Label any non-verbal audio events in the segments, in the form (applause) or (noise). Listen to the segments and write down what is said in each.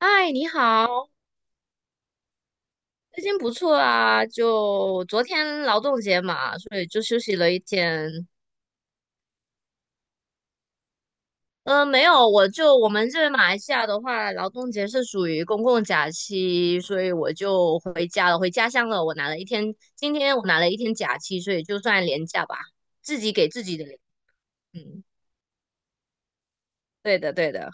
嗨，你好，最近不错啊。就昨天劳动节嘛，所以就休息了一天。没有，我们这边马来西亚的话，劳动节是属于公共假期，所以我就回家了，回家乡了。我拿了一天，今天我拿了一天假期，所以就算年假吧，自己给自己的。嗯，对的，对的。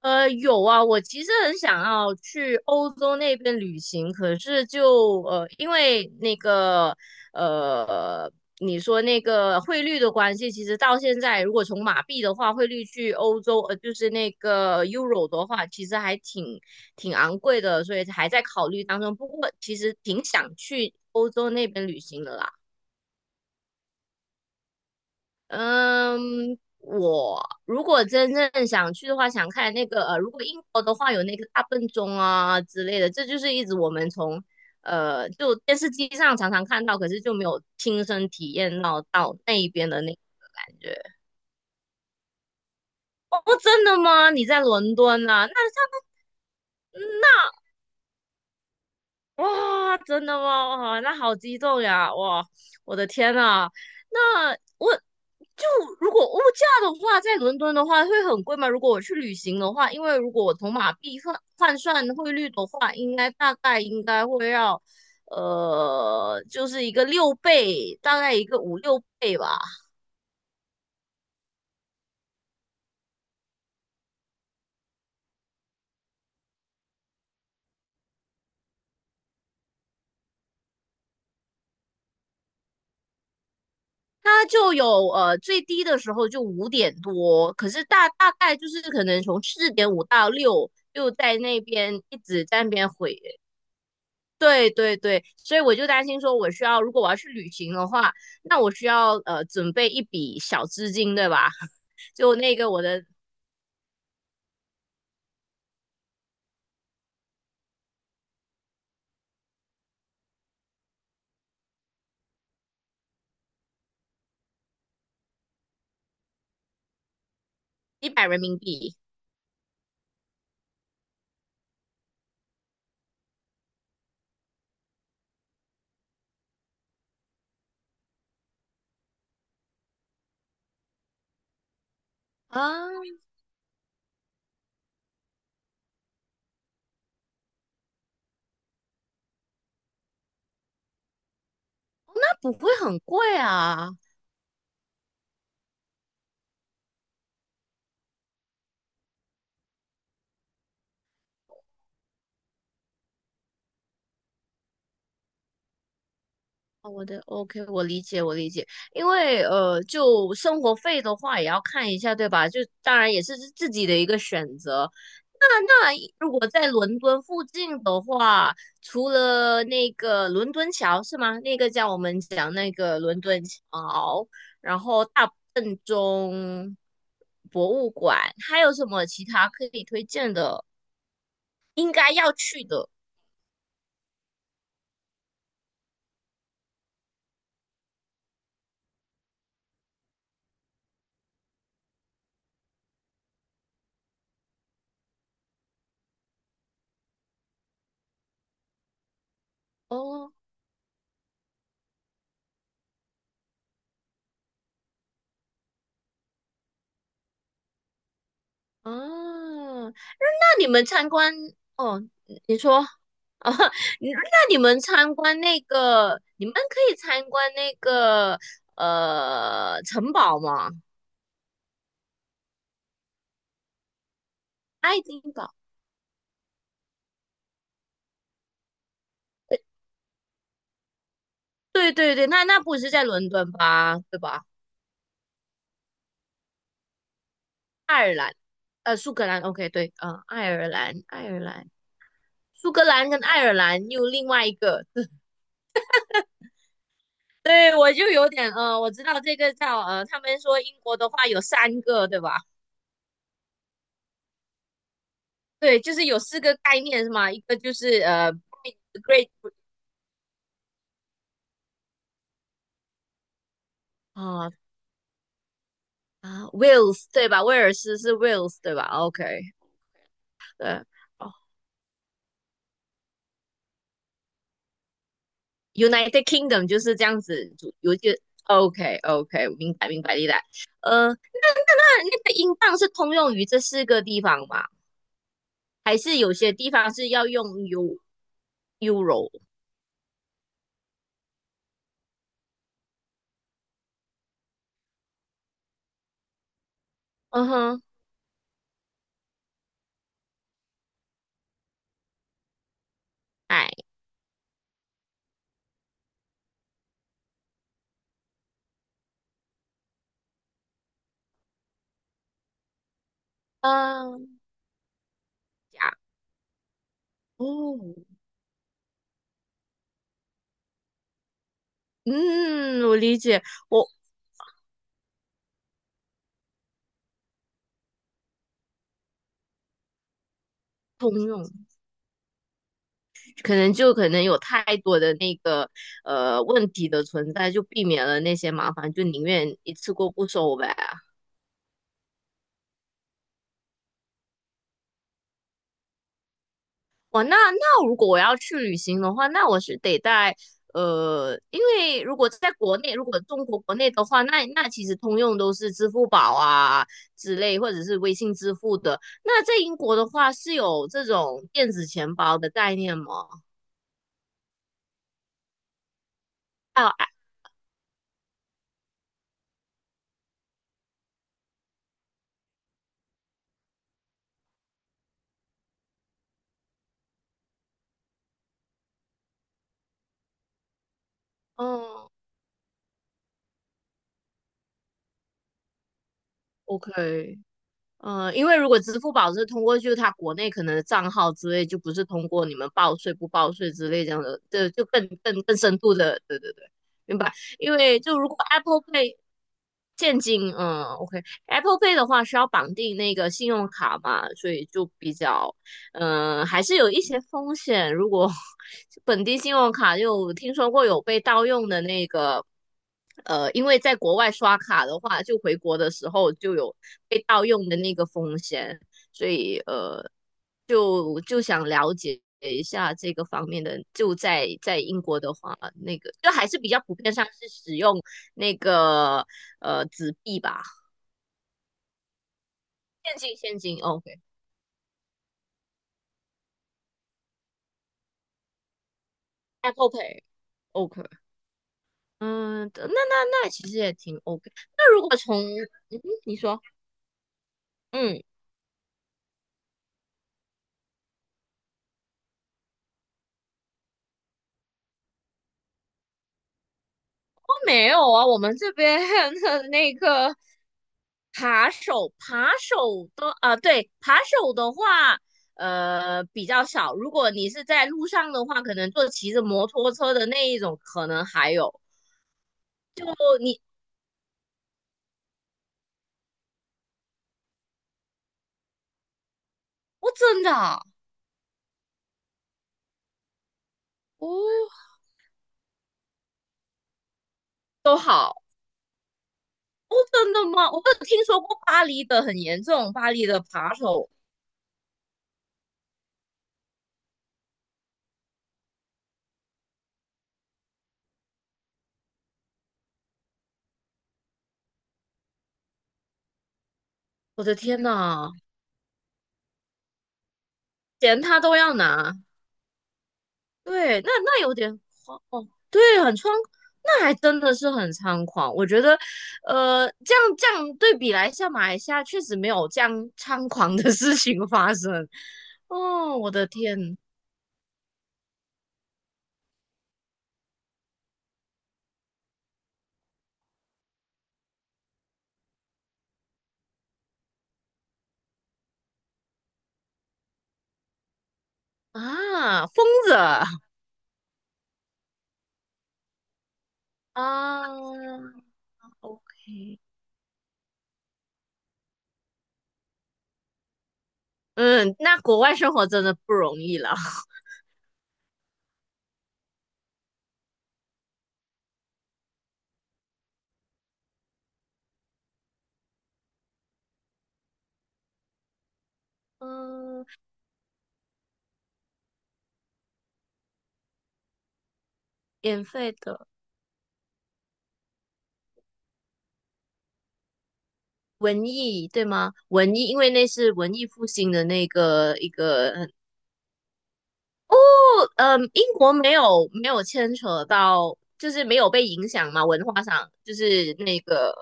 有啊，我其实很想要去欧洲那边旅行，可是就，因为那个呃，你说那个汇率的关系，其实到现在，如果从马币的话，汇率去欧洲，就是那个 Euro 的话，其实还挺昂贵的，所以还在考虑当中。不过其实挺想去欧洲那边旅行的啦。嗯，我如果真正想去的话，想看那个如果英国的话，有那个大笨钟啊之类的，这就是一直我们从就电视机上常常看到，可是就没有亲身体验到那一边的那个感觉。哦，真的吗？你在伦敦啊？哇，真的吗？哇，那好激动呀！哇，我的天呐，那我就如果物价的话，在伦敦的话会很贵吗？如果我去旅行的话，因为如果我从马币换算汇率的话，应该大概应该会要，就是一个六倍，大概一个5、6倍吧。它就有最低的时候就5点多，可是大概就是可能从4.5到6，就在那边一直在那边回对对对，所以我就担心说，我需要如果我要去旅行的话，那我需要准备一笔小资金，对吧？(laughs) 就那个我的100人民币啊，那不会很贵啊。哦我的 OK，我理解，我理解，因为就生活费的话也要看一下，对吧？就当然也是自己的一个选择。那如果在伦敦附近的话，除了那个伦敦桥是吗？那个叫我们讲那个伦敦桥，然后大笨钟博物馆，还有什么其他可以推荐的？应该要去的哦啊，你们参观哦，你说哦，(laughs) 你们参观那个，你们可以参观那个城堡吗？爱丁堡，对对对，那不是在伦敦吧？对吧？爱尔兰，苏格兰，OK，对，嗯、爱尔兰，爱尔兰，苏格兰跟爱尔兰又另外一个，(laughs) 对，我就有点，我知道这个叫，他们说英国的话有三个，对吧？对，就是有四个概念是吗？一个就是Great 哦啊，Wales 对吧？威尔斯是 Wales 对吧？OK，对哦，United Kingdom 就是这样子组，OK OK，明白明白明白。那那个英镑是通用于这四个地方吗？还是有些地方是要用 Euro？嗯哼，哎，嗯，呀，嗯嗯，我理解，我通用。可能就可能有太多的那个问题的存在，就避免了那些麻烦，就宁愿一次过不收呗。哇，那如果我要去旅行的话，那我是得带因为如果在国内，如果中国国内的话，那其实通用都是支付宝啊之类，或者是微信支付的。那在英国的话，是有这种电子钱包的概念吗？还有，嗯，OK，嗯，因为如果支付宝是通过就是它国内可能的账号之类，就不是通过你们报税不报税之类这样的，这就更深度的，对对对，明白。因为就如果 Apple Pay 现金，嗯，OK，Apple Pay 的话是要绑定那个信用卡嘛，所以就比较还是有一些风险。如果 (laughs) 本地信用卡有听说过有被盗用的那个，因为在国外刷卡的话，就回国的时候就有被盗用的那个风险，所以就想了解一下这个方面的。就在英国的话，那个就还是比较普遍上是使用那个纸币吧，现金现金，OK，Apple Pay，OK。嗯，那其实也挺 OK。那如果从嗯，你说嗯，哦没有啊，我们这边 (laughs) 的那个扒手扒手的啊，对，扒手的话，比较少。如果你是在路上的话，可能坐骑着摩托车的那一种，可能还有。哦，你哦，真的啊哦，都好哦，真的吗？我有听说过巴黎的很严重，巴黎的扒手，我的天呐，钱他都要拿。对，那有点慌哦，对，那还真的是很猖狂。我觉得，这样对比来下，马来西亚确实没有这样猖狂的事情发生。哦，我的天啊，疯子啊啊，OK，嗯，那国外生活真的不容易了。嗯，免费的文艺对吗？文艺，因为那是文艺复兴的那个一个嗯，英国没有牵扯到，就是没有被影响嘛，文化上就是那个，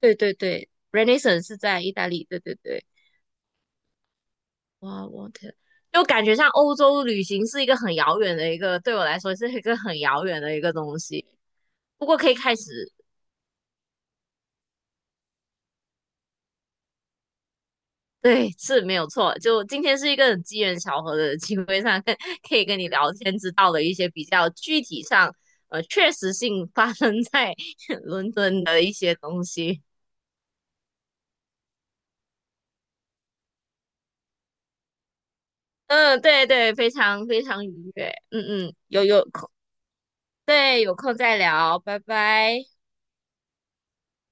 对对对，Renaissance 是在意大利，对对对，哇，我天，就感觉像欧洲旅行是一个很遥远的一个，对我来说是一个很遥远的一个东西，不过可以开始，对，是没有错，就今天是一个很机缘巧合的机会上，(laughs) 可以跟你聊天，知道了一些比较具体上，确实性发生在 (laughs) 伦敦的一些东西。嗯，对对，非常非常愉悦。嗯嗯，有空，对，有空再聊，拜拜。